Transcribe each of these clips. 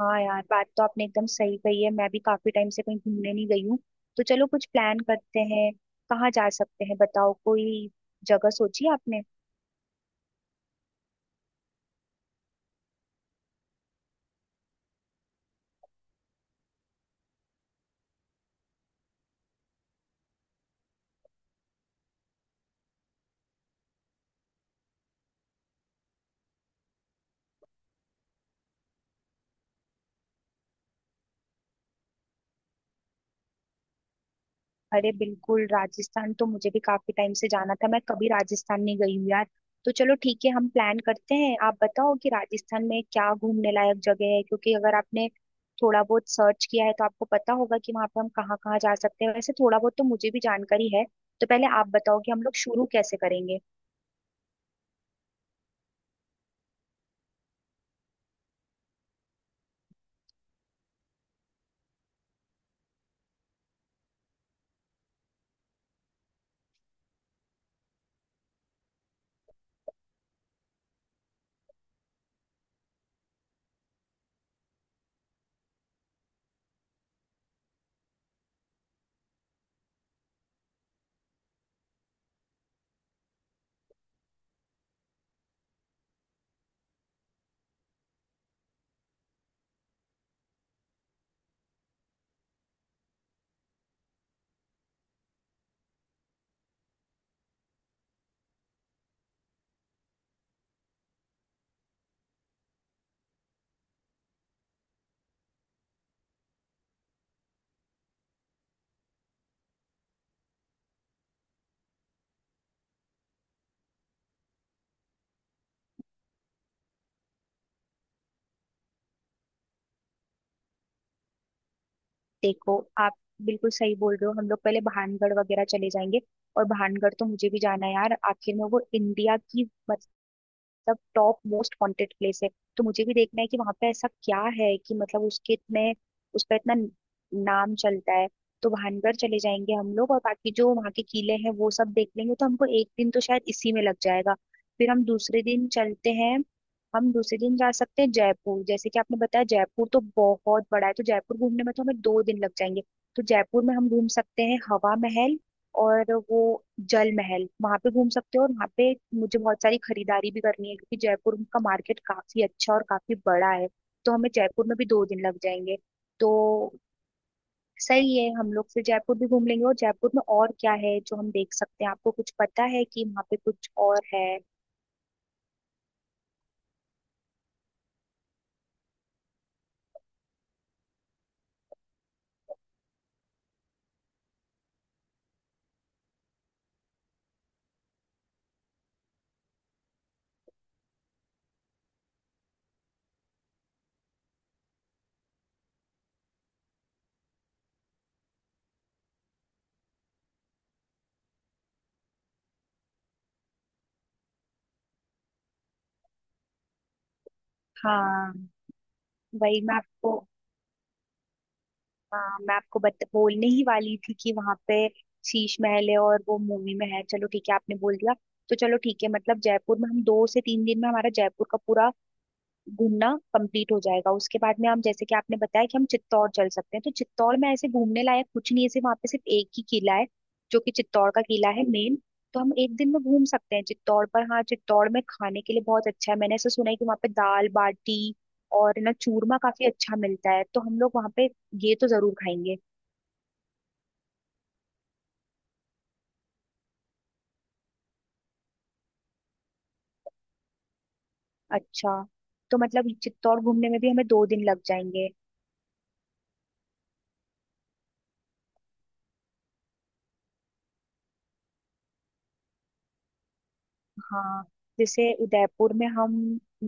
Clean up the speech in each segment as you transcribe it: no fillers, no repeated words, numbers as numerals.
हाँ यार, बात तो आपने एकदम सही कही है। मैं भी काफी टाइम से कहीं घूमने नहीं गई हूँ। तो चलो, कुछ प्लान करते हैं। कहाँ जा सकते हैं बताओ, कोई जगह सोची आपने? अरे बिल्कुल, राजस्थान तो मुझे भी काफी टाइम से जाना था। मैं कभी राजस्थान नहीं गई हूँ यार। तो चलो, ठीक है, हम प्लान करते हैं। आप बताओ कि राजस्थान में क्या घूमने लायक जगह है, क्योंकि अगर आपने थोड़ा बहुत सर्च किया है तो आपको पता होगा कि वहाँ पे हम कहाँ कहाँ जा सकते हैं। वैसे थोड़ा बहुत तो मुझे भी जानकारी है। तो पहले आप बताओ कि हम लोग शुरू कैसे करेंगे। देखो आप बिल्कुल सही बोल रहे हो, हम लोग पहले भानगढ़ वगैरह चले जाएंगे। और भानगढ़ तो मुझे भी जाना है यार, आखिर में वो इंडिया की मतलब टॉप मोस्ट वांटेड प्लेस है। तो मुझे भी देखना है कि वहां पे ऐसा क्या है कि मतलब उसके इतने उस पर इतना नाम चलता है। तो भानगढ़ चले जाएंगे हम लोग और बाकी जो वहाँ के किले हैं वो सब देख लेंगे, तो हमको एक दिन तो शायद इसी में लग जाएगा। फिर हम दूसरे दिन चलते हैं। हम दूसरे दिन जा सकते हैं जयपुर, जैसे कि आपने बताया। जयपुर तो बहुत बड़ा है, तो जयपुर घूमने में तो हमें 2 दिन लग जाएंगे। तो जयपुर में हम घूम सकते हैं हवा महल और वो जल महल, वहां पे घूम सकते हो। और वहां पे मुझे बहुत सारी खरीदारी भी करनी है, क्योंकि जयपुर का मार्केट काफी अच्छा और काफी बड़ा है। तो हमें जयपुर में भी 2 दिन लग जाएंगे। तो सही है, हम लोग फिर जयपुर भी घूम लेंगे। और जयपुर में और क्या है जो हम देख सकते हैं? आपको कुछ पता है कि वहाँ पे कुछ और है? हाँ, वही मैं आपको, हाँ मैं आपको बोलने ही वाली थी कि वहां पे शीश महल है और वो मूवी में है। चलो ठीक है, आपने बोल दिया। तो चलो ठीक है, मतलब जयपुर में हम 2 से 3 दिन में हमारा जयपुर का पूरा घूमना कंप्लीट हो जाएगा। उसके बाद में हम, जैसे कि आपने बताया कि हम चित्तौड़ चल सकते हैं, तो चित्तौड़ में ऐसे घूमने लायक कुछ नहीं है, सिर्फ वहाँ पे सिर्फ एक ही किला है, जो कि चित्तौड़ का किला है मेन। तो हम एक दिन में घूम सकते हैं चित्तौड़। पर हाँ, चित्तौड़ में खाने के लिए बहुत अच्छा है। मैंने ऐसा सुना है कि वहाँ पे दाल बाटी और ना चूरमा काफी अच्छा मिलता है, तो हम लोग वहाँ पे ये तो जरूर खाएंगे। अच्छा, तो मतलब चित्तौड़ घूमने में भी हमें 2 दिन लग जाएंगे। हाँ। जैसे उदयपुर में हम,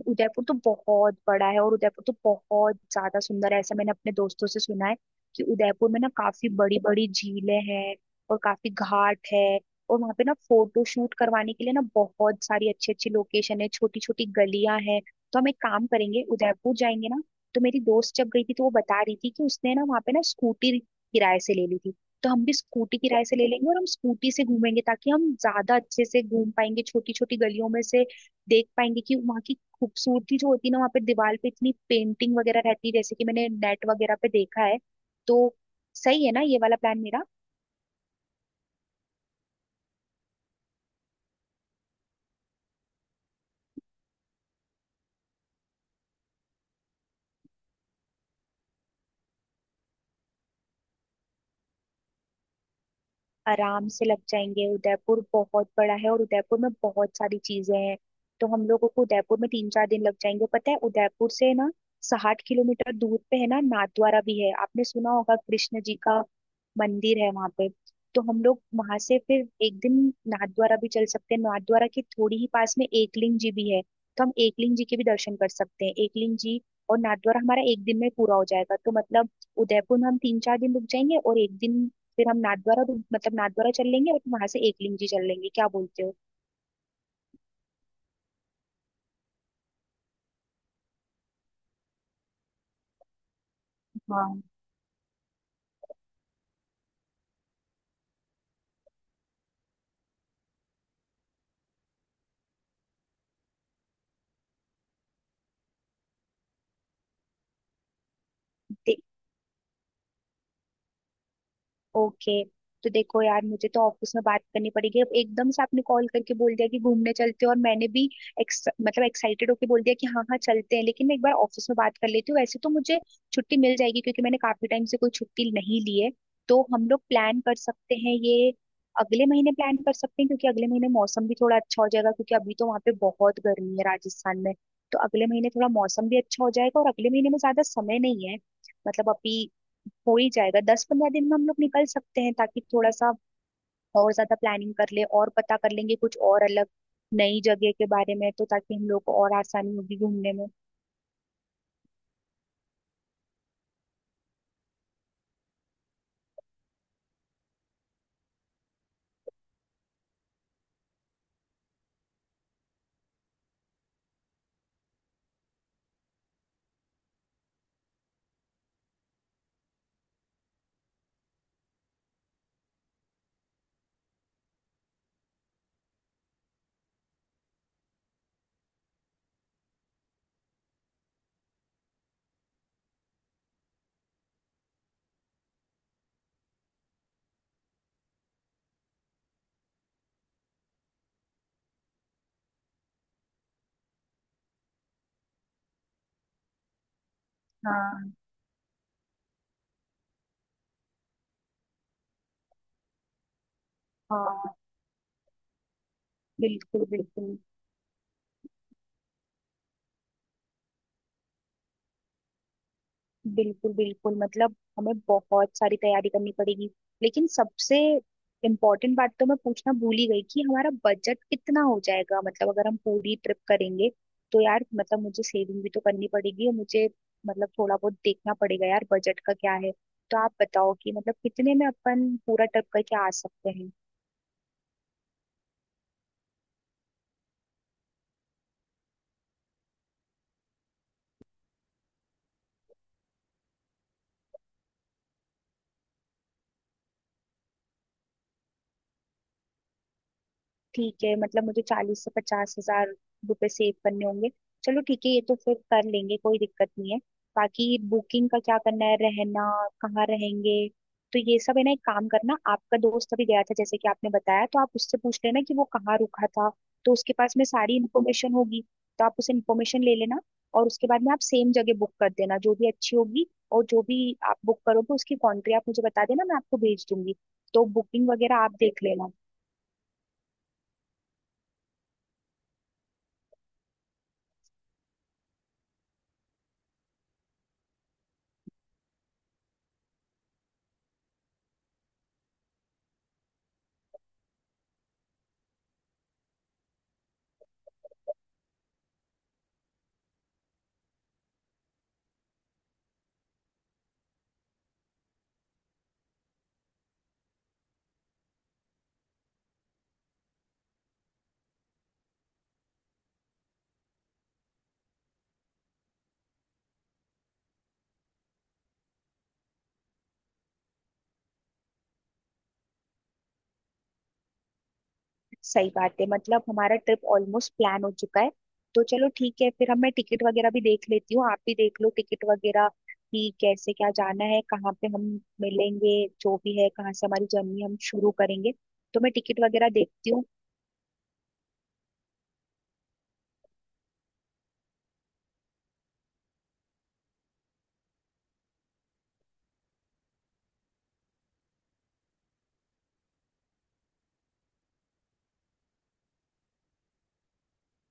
उदयपुर तो बहुत बड़ा है, और उदयपुर तो बहुत ज्यादा सुंदर है, ऐसा मैंने अपने दोस्तों से सुना है। कि उदयपुर में ना काफी बड़ी बड़ी झीलें हैं और काफी घाट है। और वहाँ पे ना फोटो शूट करवाने के लिए ना बहुत सारी अच्छी अच्छी लोकेशन है, छोटी छोटी गलियां हैं। तो हम एक काम करेंगे, उदयपुर जाएंगे ना, तो मेरी दोस्त जब गई थी तो वो बता रही थी कि उसने ना वहाँ पे ना स्कूटी किराए से ले ली थी। तो हम भी स्कूटी किराए से ले लेंगे और हम स्कूटी से घूमेंगे, ताकि हम ज्यादा अच्छे से घूम पाएंगे, छोटी छोटी गलियों में से देख पाएंगे कि वहाँ की खूबसूरती जो होती है ना, वहाँ पे दीवार पे इतनी पेंटिंग वगैरह रहती है, जैसे कि मैंने नेट वगैरह पे देखा है। तो सही है ना ये वाला प्लान मेरा? आराम से लग जाएंगे। उदयपुर बहुत बड़ा है और उदयपुर में बहुत सारी चीजें हैं। तो हम लोगों को उदयपुर में 3 4 दिन लग जाएंगे। पता है उदयपुर से ना 60 किलोमीटर दूर पे है ना नाथद्वारा भी है? आपने सुना होगा, कृष्ण जी का मंदिर है वहां पे। तो हम लोग वहां से फिर एक दिन नाथद्वारा भी चल सकते हैं। नाथद्वारा के थोड़ी ही पास में एकलिंग जी भी है, तो हम एकलिंग जी के भी दर्शन कर सकते हैं। एकलिंग जी और नाथद्वारा हमारा एक दिन में पूरा हो जाएगा। तो मतलब उदयपुर में हम 3 4 दिन रुक जाएंगे और एक दिन फिर हम नाथद्वारा, मतलब नाथद्वारा चल लेंगे और वहां से एकलिंग जी चल लेंगे। क्या बोलते हो? हाँ। ओके। तो देखो यार, मुझे तो ऑफिस में बात करनी पड़ेगी। अब एकदम से आपने कॉल करके बोल दिया कि घूमने चलते हैं और मैंने भी मतलब एक्साइटेड होके बोल दिया कि हाँ हाँ चलते हैं, लेकिन मैं एक बार ऑफिस में बात कर लेती हूँ। वैसे तो मुझे छुट्टी मिल जाएगी, क्योंकि मैंने काफी टाइम से कोई छुट्टी नहीं ली है। तो हम लोग प्लान कर सकते हैं ये, अगले महीने प्लान कर सकते हैं, क्योंकि अगले महीने मौसम भी थोड़ा अच्छा हो जाएगा, क्योंकि अभी तो वहाँ पे बहुत गर्मी है राजस्थान में। तो अगले महीने थोड़ा मौसम भी अच्छा हो जाएगा, और अगले महीने में ज्यादा समय नहीं है, मतलब अभी हो ही जाएगा। 10 15 दिन में हम लोग निकल सकते हैं ताकि थोड़ा सा और ज्यादा प्लानिंग कर ले और पता कर लेंगे कुछ और अलग नई जगह के बारे में, तो ताकि हम लोग को और आसानी होगी घूमने में। हाँ हाँ, बिल्कुल बिल्कुल। बिल्कुल बिल्कुल, मतलब हमें बहुत सारी तैयारी करनी पड़ेगी। लेकिन सबसे इम्पोर्टेंट बात तो मैं पूछना भूल ही गई कि हमारा बजट कितना हो जाएगा, मतलब अगर हम पूरी ट्रिप करेंगे। तो यार मतलब मुझे सेविंग भी तो करनी पड़ेगी और मुझे मतलब थोड़ा बहुत देखना पड़ेगा यार बजट का क्या है। तो आप बताओ कि मतलब कितने में अपन पूरा ट्रिप करके आ सकते हैं। ठीक है, मतलब मुझे 40 से 50 हज़ार रुपए सेव करने होंगे। चलो ठीक है, ये तो फिर कर लेंगे, कोई दिक्कत नहीं है। बाकी बुकिंग का क्या करना है, रहना कहाँ रहेंगे, तो ये सब है ना, एक काम करना आपका दोस्त अभी गया था जैसे कि आपने बताया, तो आप उससे पूछ लेना कि वो कहाँ रुका था। तो उसके पास में सारी इन्फॉर्मेशन होगी, तो आप उसे इन्फॉर्मेशन ले लेना और उसके बाद में आप सेम जगह बुक कर देना, जो भी अच्छी होगी। और जो भी आप बुक करोगे उसकी कंट्री आप मुझे बता देना, मैं आपको भेज दूंगी। तो बुकिंग वगैरह आप देख लेना। सही बात है, मतलब हमारा ट्रिप ऑलमोस्ट प्लान हो चुका है। तो चलो ठीक है, फिर अब मैं टिकट वगैरह भी देख लेती हूँ, आप भी देख लो टिकट वगैरह कि कैसे क्या जाना है, कहाँ पे हम मिलेंगे, जो भी है, कहाँ से हमारी जर्नी हम शुरू करेंगे। तो मैं टिकट वगैरह देखती हूँ।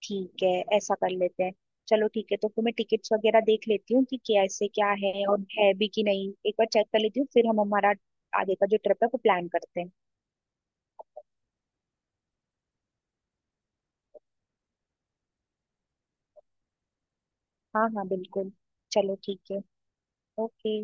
ठीक है, ऐसा कर लेते हैं। चलो ठीक है, तो फिर मैं टिकट्स वगैरह देख लेती हूँ कि कैसे क्या है और है भी कि नहीं, एक बार चेक कर लेती हूँ, फिर हम हमारा आगे का जो ट्रिप है वो प्लान करते हैं। हाँ हाँ, बिल्कुल, चलो ठीक है, ओके।